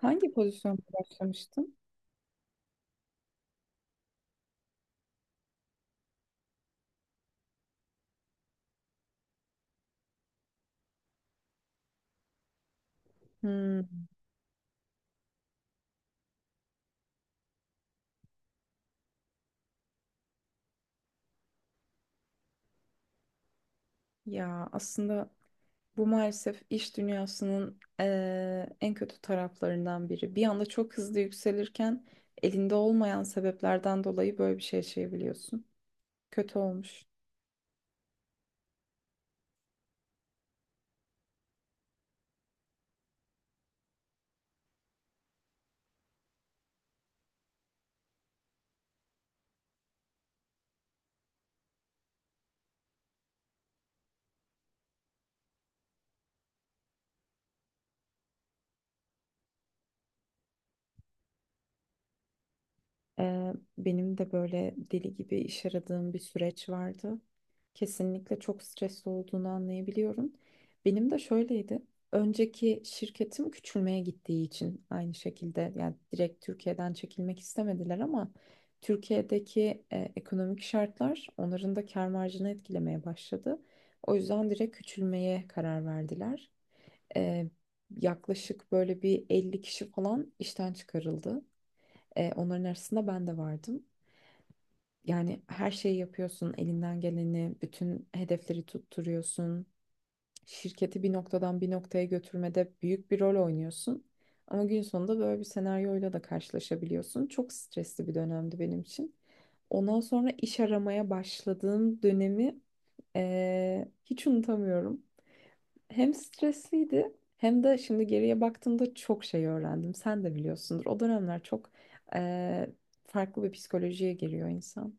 Hangi pozisyonda başlamıştım? Hmm, ya aslında bu maalesef iş dünyasının en kötü taraflarından biri. Bir anda çok hızlı yükselirken elinde olmayan sebeplerden dolayı böyle bir şey yaşayabiliyorsun. Kötü olmuş. Benim de böyle deli gibi iş aradığım bir süreç vardı. Kesinlikle çok stresli olduğunu anlayabiliyorum. Benim de şöyleydi. Önceki şirketim küçülmeye gittiği için aynı şekilde yani direkt Türkiye'den çekilmek istemediler ama Türkiye'deki ekonomik şartlar onların da kâr marjını etkilemeye başladı. O yüzden direkt küçülmeye karar verdiler. Ee, yaklaşık böyle bir 50 kişi falan işten çıkarıldı. Onların arasında ben de vardım. Yani her şeyi yapıyorsun, elinden geleni, bütün hedefleri tutturuyorsun. Şirketi bir noktadan bir noktaya götürmede büyük bir rol oynuyorsun. Ama gün sonunda böyle bir senaryoyla da karşılaşabiliyorsun. Çok stresli bir dönemdi benim için. Ondan sonra iş aramaya başladığım dönemi hiç unutamıyorum. Hem stresliydi hem de şimdi geriye baktığımda çok şey öğrendim. Sen de biliyorsundur. O dönemler çok eee, farklı bir psikolojiye giriyor insan.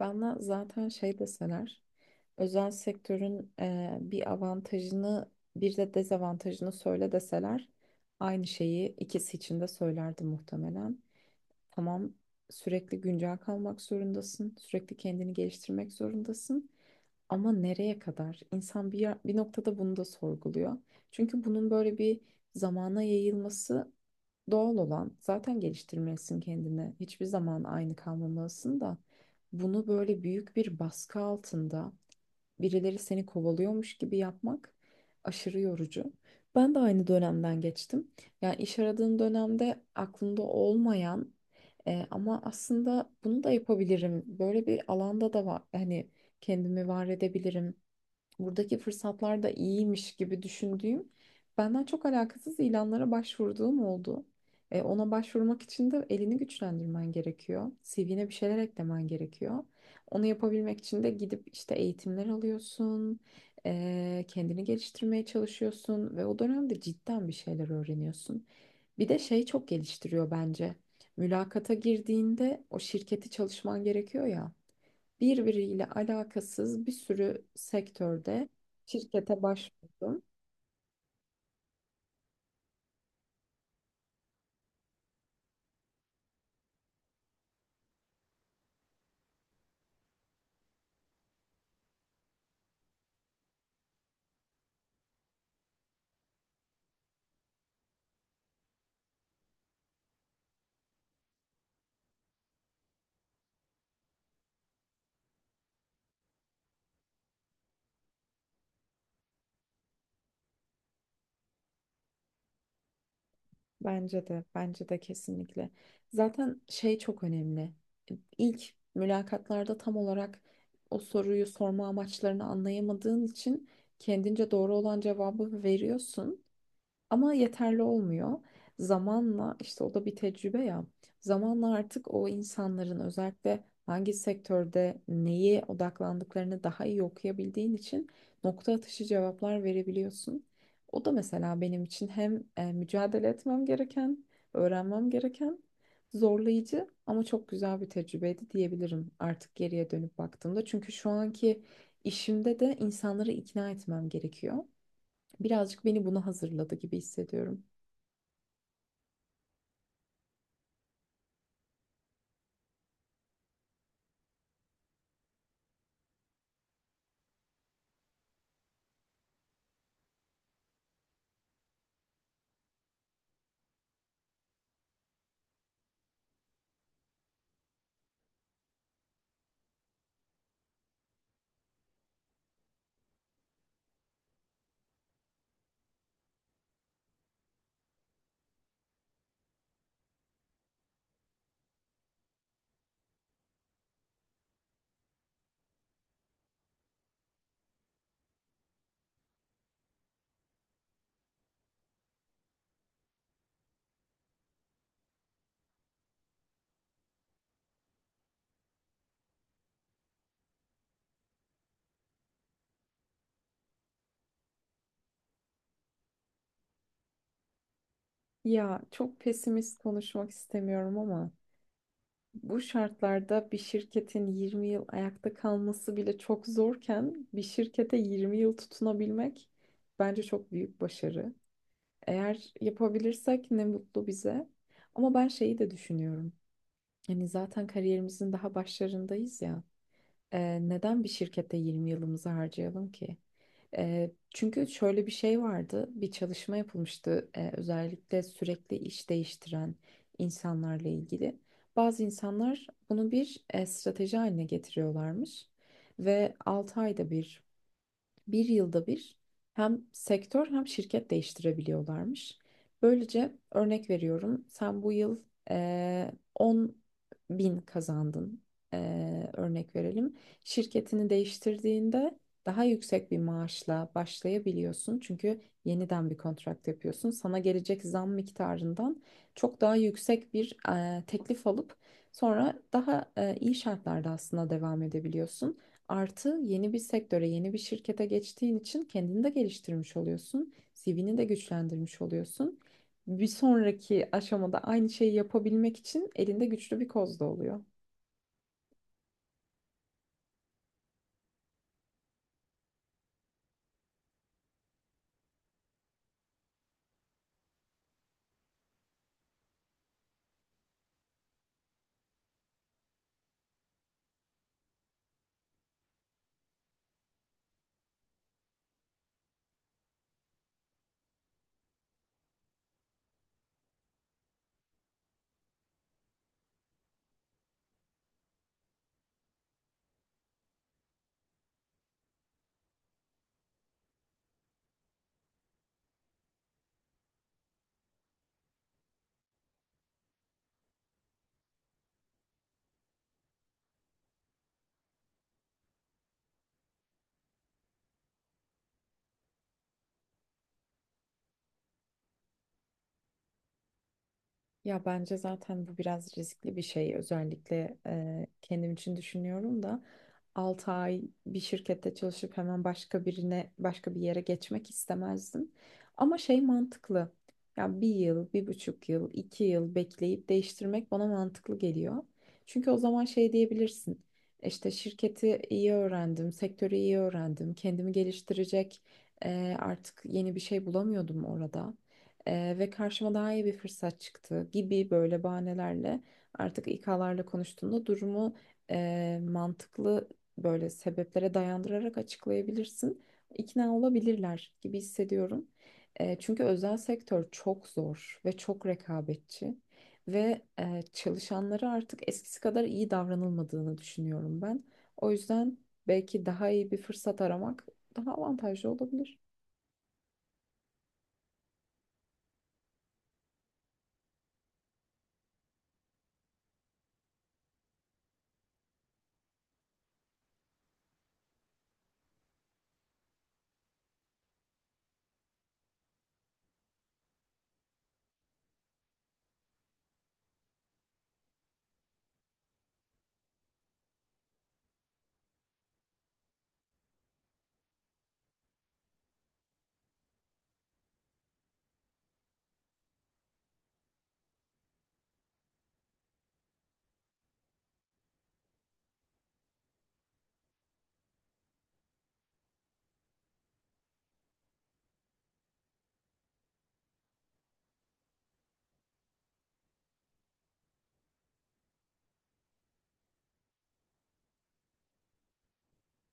Bana zaten şey deseler, özel sektörün bir avantajını bir de dezavantajını söyle deseler aynı şeyi ikisi için de söylerdim muhtemelen. Tamam, sürekli güncel kalmak zorundasın, sürekli kendini geliştirmek zorundasın. Ama nereye kadar? İnsan bir noktada bunu da sorguluyor. Çünkü bunun böyle bir zamana yayılması doğal olan. Zaten geliştirmelisin kendini. Hiçbir zaman aynı kalmamalısın da bunu böyle büyük bir baskı altında birileri seni kovalıyormuş gibi yapmak aşırı yorucu. Ben de aynı dönemden geçtim. Yani iş aradığım dönemde aklımda olmayan ama aslında bunu da yapabilirim. Böyle bir alanda da var. Hani kendimi var edebilirim buradaki fırsatlar da iyiymiş gibi düşündüğüm benden çok alakasız ilanlara başvurduğum oldu. Ona başvurmak için de elini güçlendirmen gerekiyor. CV'ne bir şeyler eklemen gerekiyor. Onu yapabilmek için de gidip işte eğitimler alıyorsun, kendini geliştirmeye çalışıyorsun ve o dönemde cidden bir şeyler öğreniyorsun. Bir de şey çok geliştiriyor bence. Mülakata girdiğinde o şirketi çalışman gerekiyor ya birbiriyle alakasız bir sürü sektörde şirkete başvurdum. Bence de, bence de kesinlikle. Zaten şey çok önemli. İlk mülakatlarda tam olarak o soruyu sorma amaçlarını anlayamadığın için kendince doğru olan cevabı veriyorsun. Ama yeterli olmuyor. Zamanla işte o da bir tecrübe ya. Zamanla artık o insanların özellikle hangi sektörde neye odaklandıklarını daha iyi okuyabildiğin için nokta atışı cevaplar verebiliyorsun. O da mesela benim için hem mücadele etmem gereken, öğrenmem gereken zorlayıcı ama çok güzel bir tecrübeydi diyebilirim artık geriye dönüp baktığımda. Çünkü şu anki işimde de insanları ikna etmem gerekiyor. Birazcık beni buna hazırladı gibi hissediyorum. Ya çok pesimist konuşmak istemiyorum ama bu şartlarda bir şirketin 20 yıl ayakta kalması bile çok zorken bir şirkete 20 yıl tutunabilmek bence çok büyük başarı. Eğer yapabilirsek ne mutlu bize. Ama ben şeyi de düşünüyorum. Yani zaten kariyerimizin daha başlarındayız ya. Neden bir şirkette 20 yılımızı harcayalım ki? Çünkü şöyle bir şey vardı, bir çalışma yapılmıştı özellikle sürekli iş değiştiren insanlarla ilgili. Bazı insanlar bunu bir strateji haline getiriyorlarmış ve 6 ayda bir bir yılda bir hem sektör hem şirket değiştirebiliyorlarmış. Böylece örnek veriyorum sen bu yıl 10 bin kazandın örnek verelim. Şirketini değiştirdiğinde daha yüksek bir maaşla başlayabiliyorsun. Çünkü yeniden bir kontrat yapıyorsun. Sana gelecek zam miktarından çok daha yüksek bir teklif alıp sonra daha iyi şartlarda aslında devam edebiliyorsun. Artı yeni bir sektöre, yeni bir şirkete geçtiğin için kendini de geliştirmiş oluyorsun. CV'ni de güçlendirmiş oluyorsun. Bir sonraki aşamada aynı şeyi yapabilmek için elinde güçlü bir koz da oluyor. Ya bence zaten bu biraz riskli bir şey. Özellikle kendim için düşünüyorum da 6 ay bir şirkette çalışıp hemen başka birine, başka bir yere geçmek istemezdim. Ama şey mantıklı. Ya bir yıl, 1,5 yıl, 2 yıl bekleyip değiştirmek bana mantıklı geliyor. Çünkü o zaman şey diyebilirsin. İşte şirketi iyi öğrendim, sektörü iyi öğrendim, kendimi geliştirecek artık yeni bir şey bulamıyordum orada. Ve karşıma daha iyi bir fırsat çıktı gibi böyle bahanelerle artık İK'larla konuştuğunda durumu mantıklı böyle sebeplere dayandırarak açıklayabilirsin. İkna olabilirler gibi hissediyorum. Çünkü özel sektör çok zor ve çok rekabetçi ve çalışanlara artık eskisi kadar iyi davranılmadığını düşünüyorum ben. O yüzden belki daha iyi bir fırsat aramak daha avantajlı olabilir.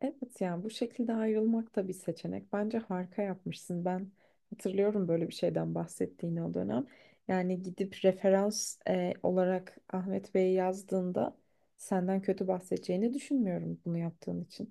Evet yani bu şekilde ayrılmak da bir seçenek. Bence harika yapmışsın. Ben hatırlıyorum böyle bir şeyden bahsettiğini o dönem. Yani gidip referans olarak Ahmet Bey'i yazdığında senden kötü bahsedeceğini düşünmüyorum bunu yaptığın için.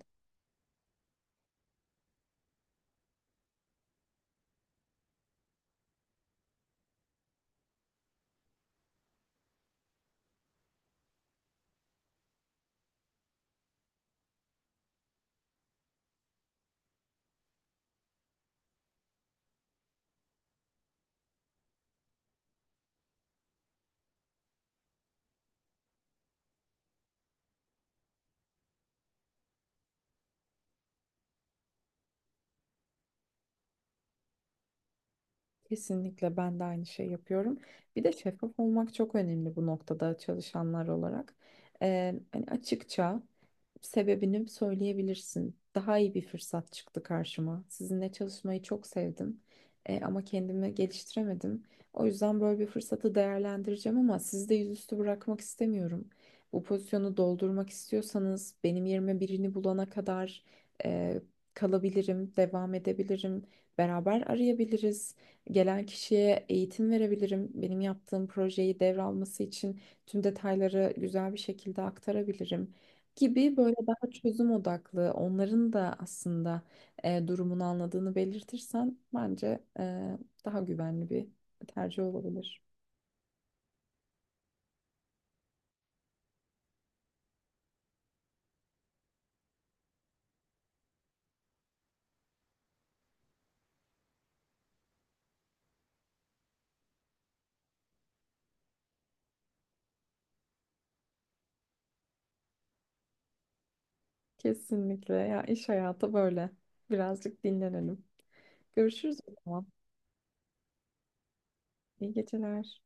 Kesinlikle ben de aynı şey yapıyorum. Bir de şeffaf olmak çok önemli bu noktada çalışanlar olarak. Hani açıkça sebebini söyleyebilirsin. Daha iyi bir fırsat çıktı karşıma. Sizinle çalışmayı çok sevdim. Ama kendimi geliştiremedim. O yüzden böyle bir fırsatı değerlendireceğim ama sizi de yüzüstü bırakmak istemiyorum. Bu pozisyonu doldurmak istiyorsanız benim yerime birini bulana kadar eee, kalabilirim, devam edebilirim. Beraber arayabiliriz. Gelen kişiye eğitim verebilirim. Benim yaptığım projeyi devralması için tüm detayları güzel bir şekilde aktarabilirim gibi böyle daha çözüm odaklı, onların da aslında durumunu anladığını belirtirsen bence daha güvenli bir tercih olabilir. Kesinlikle ya iş hayatı böyle. Birazcık dinlenelim. Görüşürüz o zaman. İyi geceler.